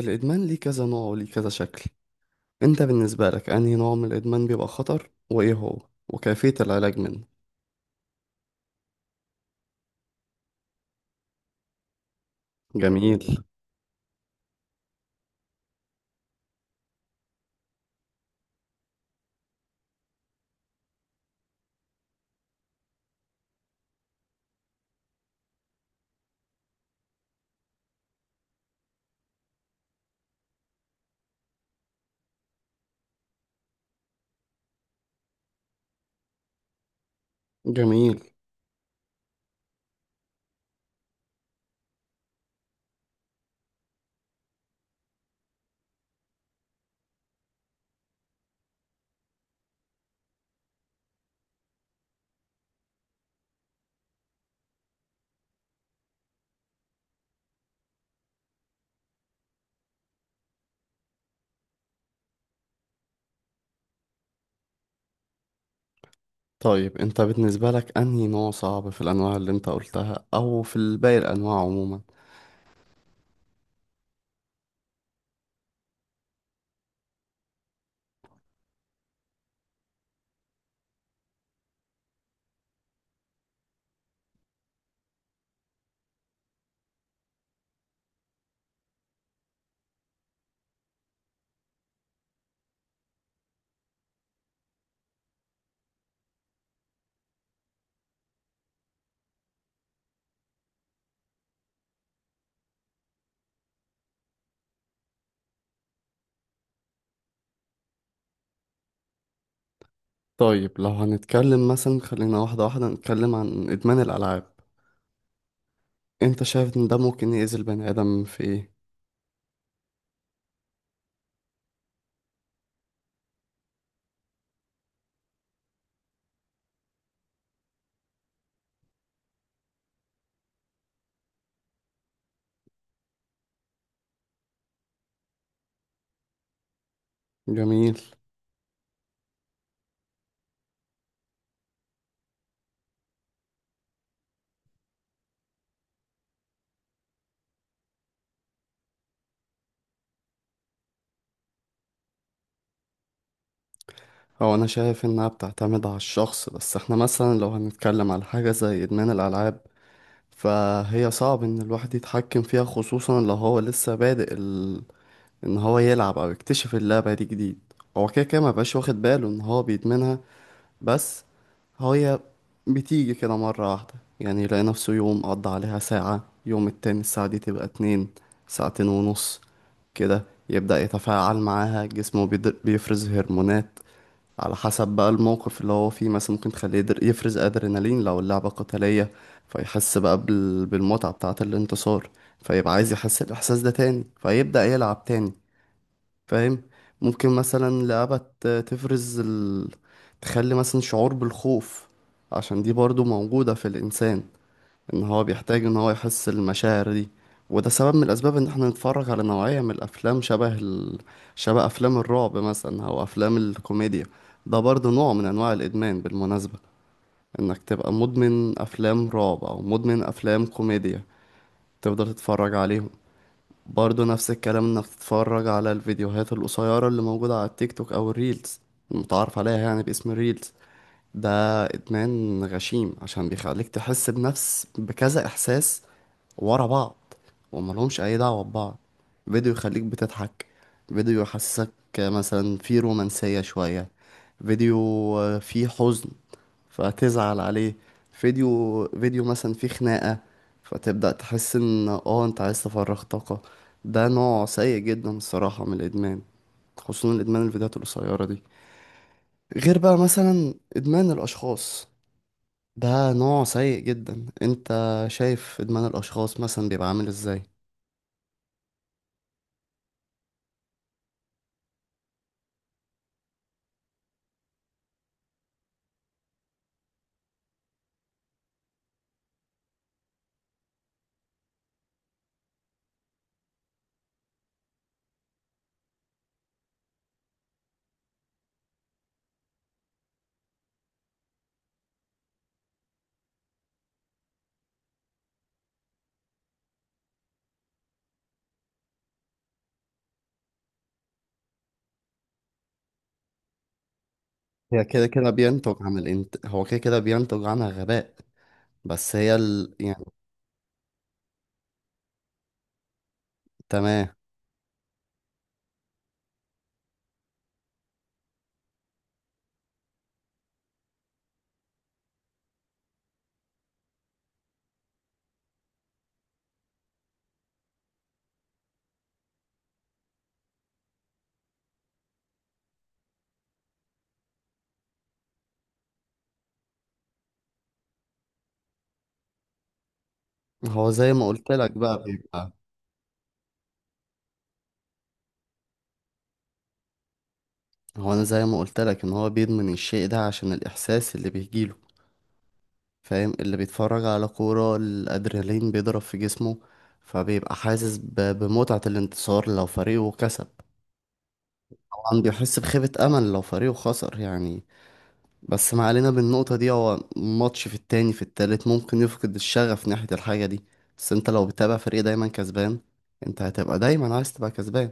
الإدمان ليه كذا نوع وليه كذا شكل؟ أنت بالنسبة لك أنهي نوع من الإدمان بيبقى خطر وإيه هو وكيفية العلاج منه؟ جميل. جميل. طيب، أنت بالنسبة لك أنهي نوع صعب في الأنواع اللي أنت قلتها أو في باقي الأنواع عموما؟ طيب، لو هنتكلم مثلا خلينا واحدة واحدة نتكلم عن إدمان الألعاب. أنت شايف إن ده ممكن يأذي البني آدم في إيه؟ جميل. هو أنا شايف إنها بتعتمد على الشخص، بس إحنا مثلا لو هنتكلم على حاجة زي إدمان الألعاب فهي صعب ان الواحد يتحكم فيها، خصوصا لو هو لسه بادئ ان هو يلعب او يكتشف اللعبة دي جديد. هو كده كده مبقاش واخد باله ان هو بيدمنها، بس هي بتيجي كده مرة واحدة. يعني يلاقي نفسه يوم قضى عليها ساعة، يوم التاني الساعة دي تبقى اتنين، ساعتين ونص كده. يبدأ يتفاعل معاها، جسمه بيفرز هرمونات على حسب بقى الموقف اللي هو فيه. مثلا ممكن تخليه يفرز ادرينالين لو اللعبة قتالية، فيحس بقى بالمتعة بتاعة الانتصار، فيبقى عايز يحس الإحساس ده تاني فيبدأ يلعب تاني. فاهم؟ ممكن مثلا لعبة تخلي مثلا شعور بالخوف، عشان دي برضو موجودة في الإنسان، ان هو بيحتاج ان هو يحس المشاعر دي. وده سبب من الاسباب ان احنا نتفرج على نوعية من الافلام شبه افلام الرعب مثلا او افلام الكوميديا. ده برضه نوع من انواع الادمان بالمناسبة، انك تبقى مدمن افلام رعب او مدمن افلام كوميديا تفضل تتفرج عليهم. برضه نفس الكلام انك تتفرج على الفيديوهات القصيرة اللي موجودة على التيك توك او الريلز، المتعارف عليها يعني باسم الريلز. ده ادمان غشيم عشان بيخليك تحس بنفس بكذا احساس ورا بعض، وملهمش اي دعوه ببعض. فيديو يخليك بتضحك، فيديو يحسسك مثلا فيه رومانسيه شويه، فيديو فيه حزن فتزعل عليه، فيديو مثلا فيه خناقه فتبدا تحس ان انت عايز تفرغ طاقه. ده نوع سيء جدا الصراحه من الادمان، خصوصا الادمان الفيديوهات القصيره دي. غير بقى مثلا ادمان الاشخاص، ده نوع سيء جدا. انت شايف ادمان الاشخاص مثلا بيبقى عامل ازاي؟ هي كده كده بينتج عن الانت... هو كده كده بينتج عنها غباء، بس هي يعني. تمام. هو زي ما قلت لك بقى. هو انا زي ما قلت لك ان هو بيدمن الشيء ده عشان الاحساس اللي بيجيله. فاهم؟ اللي بيتفرج على كورة، الادرينالين بيضرب في جسمه، فبيبقى حاسس بمتعة الانتصار لو فريقه كسب. طبعا بيحس بخيبة امل لو فريقه خسر، يعني. بس ما علينا بالنقطة دي، هو ماتش في التاني في التالت ممكن يفقد الشغف ناحية الحاجة دي، بس انت لو بتتابع فريق دايما كسبان، انت هتبقى دايما عايز تبقى كسبان.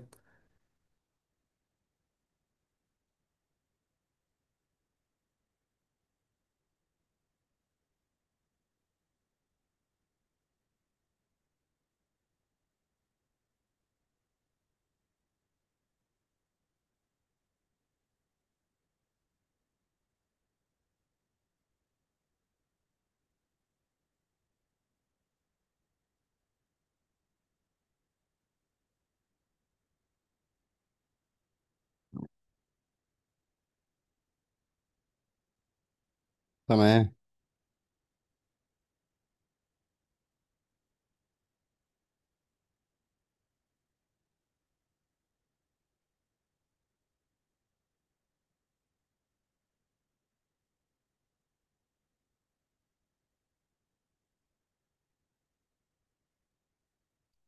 تمام.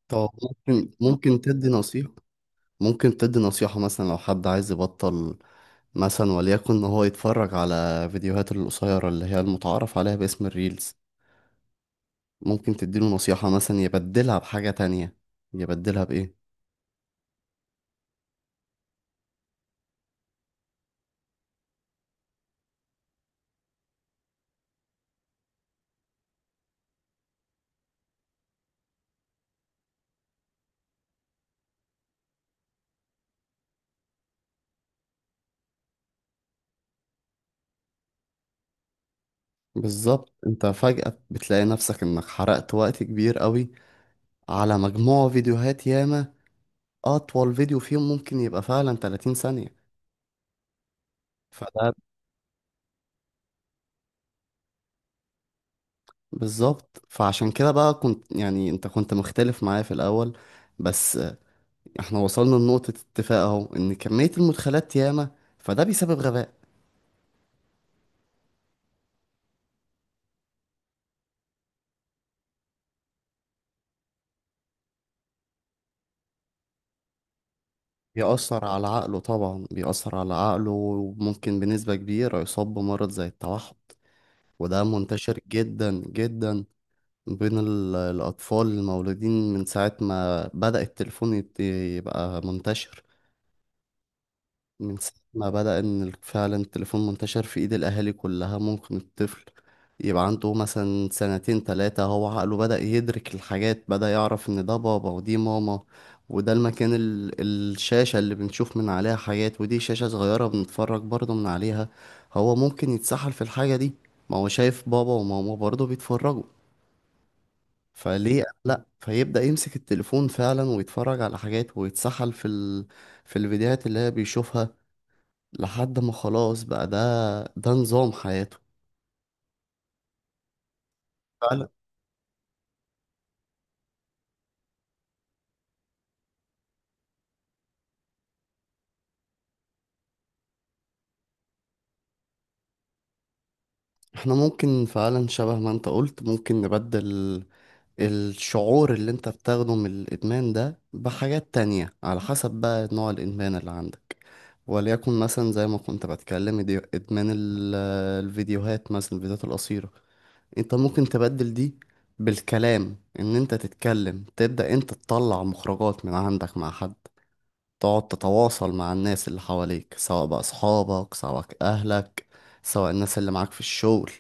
طب ممكن تدي نصيحة؟ ممكن تدي نصيحة مثلا لو حد عايز يبطل، مثلا وليكن ان هو يتفرج على فيديوهات القصيرة اللي هي المتعارف عليها باسم الريلز، ممكن تديله نصيحة مثلا يبدلها بحاجة تانية؟ يبدلها بإيه؟ بالظبط، انت فجأة بتلاقي نفسك انك حرقت وقت كبير قوي على مجموعة فيديوهات ياما. أطول فيديو فيهم ممكن يبقى فعلا 30 ثانية. فده بالظبط، فعشان كده بقى كنت يعني أنت كنت مختلف معايا في الأول، بس احنا وصلنا لنقطة اتفاق أهو، إن كمية المدخلات ياما، فده بيسبب غباء. بيأثر على عقله، طبعا بيأثر على عقله، وممكن بنسبة كبيرة يصاب بمرض زي التوحد. وده منتشر جدا جدا بين الأطفال المولودين من ساعة ما بدأ التليفون يبقى منتشر، من ساعة ما بدأ إن فعلا التليفون منتشر في إيد الأهالي كلها. ممكن الطفل يبقى عنده مثلا سنتين تلاتة، هو عقله بدأ يدرك الحاجات، بدأ يعرف إن ده بابا ودي ماما، وده المكان الشاشة اللي بنشوف من عليها حاجات، ودي شاشة صغيرة بنتفرج برضه من عليها. هو ممكن يتسحل في الحاجة دي، ما هو شايف بابا وماما برضه بيتفرجوا، فليه لأ، فيبدأ يمسك التليفون فعلا ويتفرج على حاجات ويتسحل في الفيديوهات اللي هي بيشوفها، لحد ما خلاص بقى ده نظام حياته. فعلا. احنا ممكن فعلا شبه ما انت قلت، ممكن نبدل الشعور اللي انت بتاخده من الادمان ده بحاجات تانية، على حسب بقى نوع الادمان اللي عندك. وليكن مثلا زي ما كنت بتكلم دي، ادمان الفيديوهات مثلا، الفيديوهات القصيرة. انت ممكن تبدل دي بالكلام، ان انت تتكلم، تبدأ انت تطلع مخرجات من عندك مع حد، تقعد تتواصل مع الناس اللي حواليك، سواء بقى أصحابك سواء أهلك سواء الناس اللي معاك في الشغل،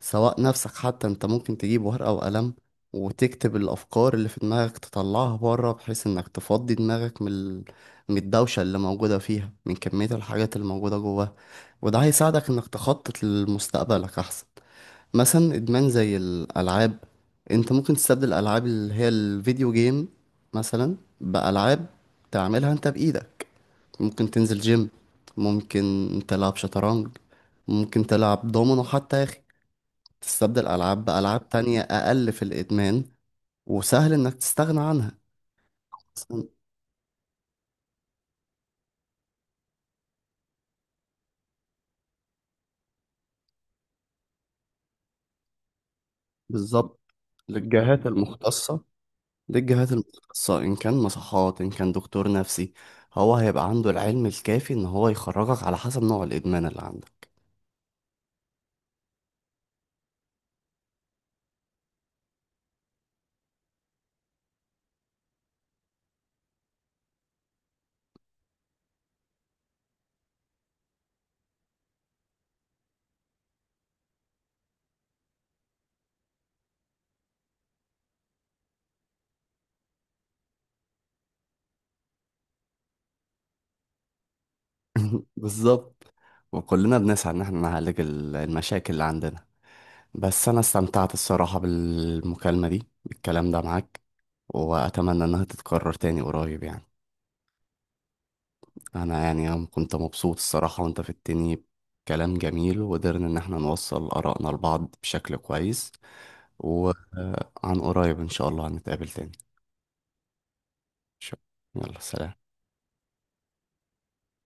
سواء نفسك حتى. انت ممكن تجيب ورقة وقلم وتكتب الأفكار اللي في دماغك، تطلعها بره، بحيث انك تفضي دماغك من من الدوشة اللي موجودة فيها، من كمية الحاجات اللي موجودة جواها، وده هيساعدك انك تخطط لمستقبلك أحسن. مثلا ادمان زي الالعاب، انت ممكن تستبدل الالعاب اللي هي الفيديو جيم مثلا بالعاب تعملها انت بايدك. ممكن تنزل جيم، ممكن تلعب شطرنج، ممكن تلعب دومينو حتى يا اخي. تستبدل العاب بالعاب تانية اقل في الادمان، وسهل انك تستغنى عنها. مثلاً. بالظبط، للجهات المختصة، للجهات المختصة، إن كان مصحات إن كان دكتور نفسي، هو هيبقى عنده العلم الكافي إن هو يخرجك على حسب نوع الإدمان اللي عندك. بالظبط، وكلنا بنسعى ان احنا نعالج المشاكل اللي عندنا. بس انا استمتعت الصراحة بالمكالمة دي، بالكلام ده معاك، واتمنى انها تتكرر تاني قريب، يعني. انا يعني أنا كنت مبسوط الصراحة، وانت في التاني كلام جميل، وقدرنا ان احنا نوصل ارائنا لبعض بشكل كويس، وعن قريب ان شاء الله هنتقابل تاني. شكراً. يلا سلام.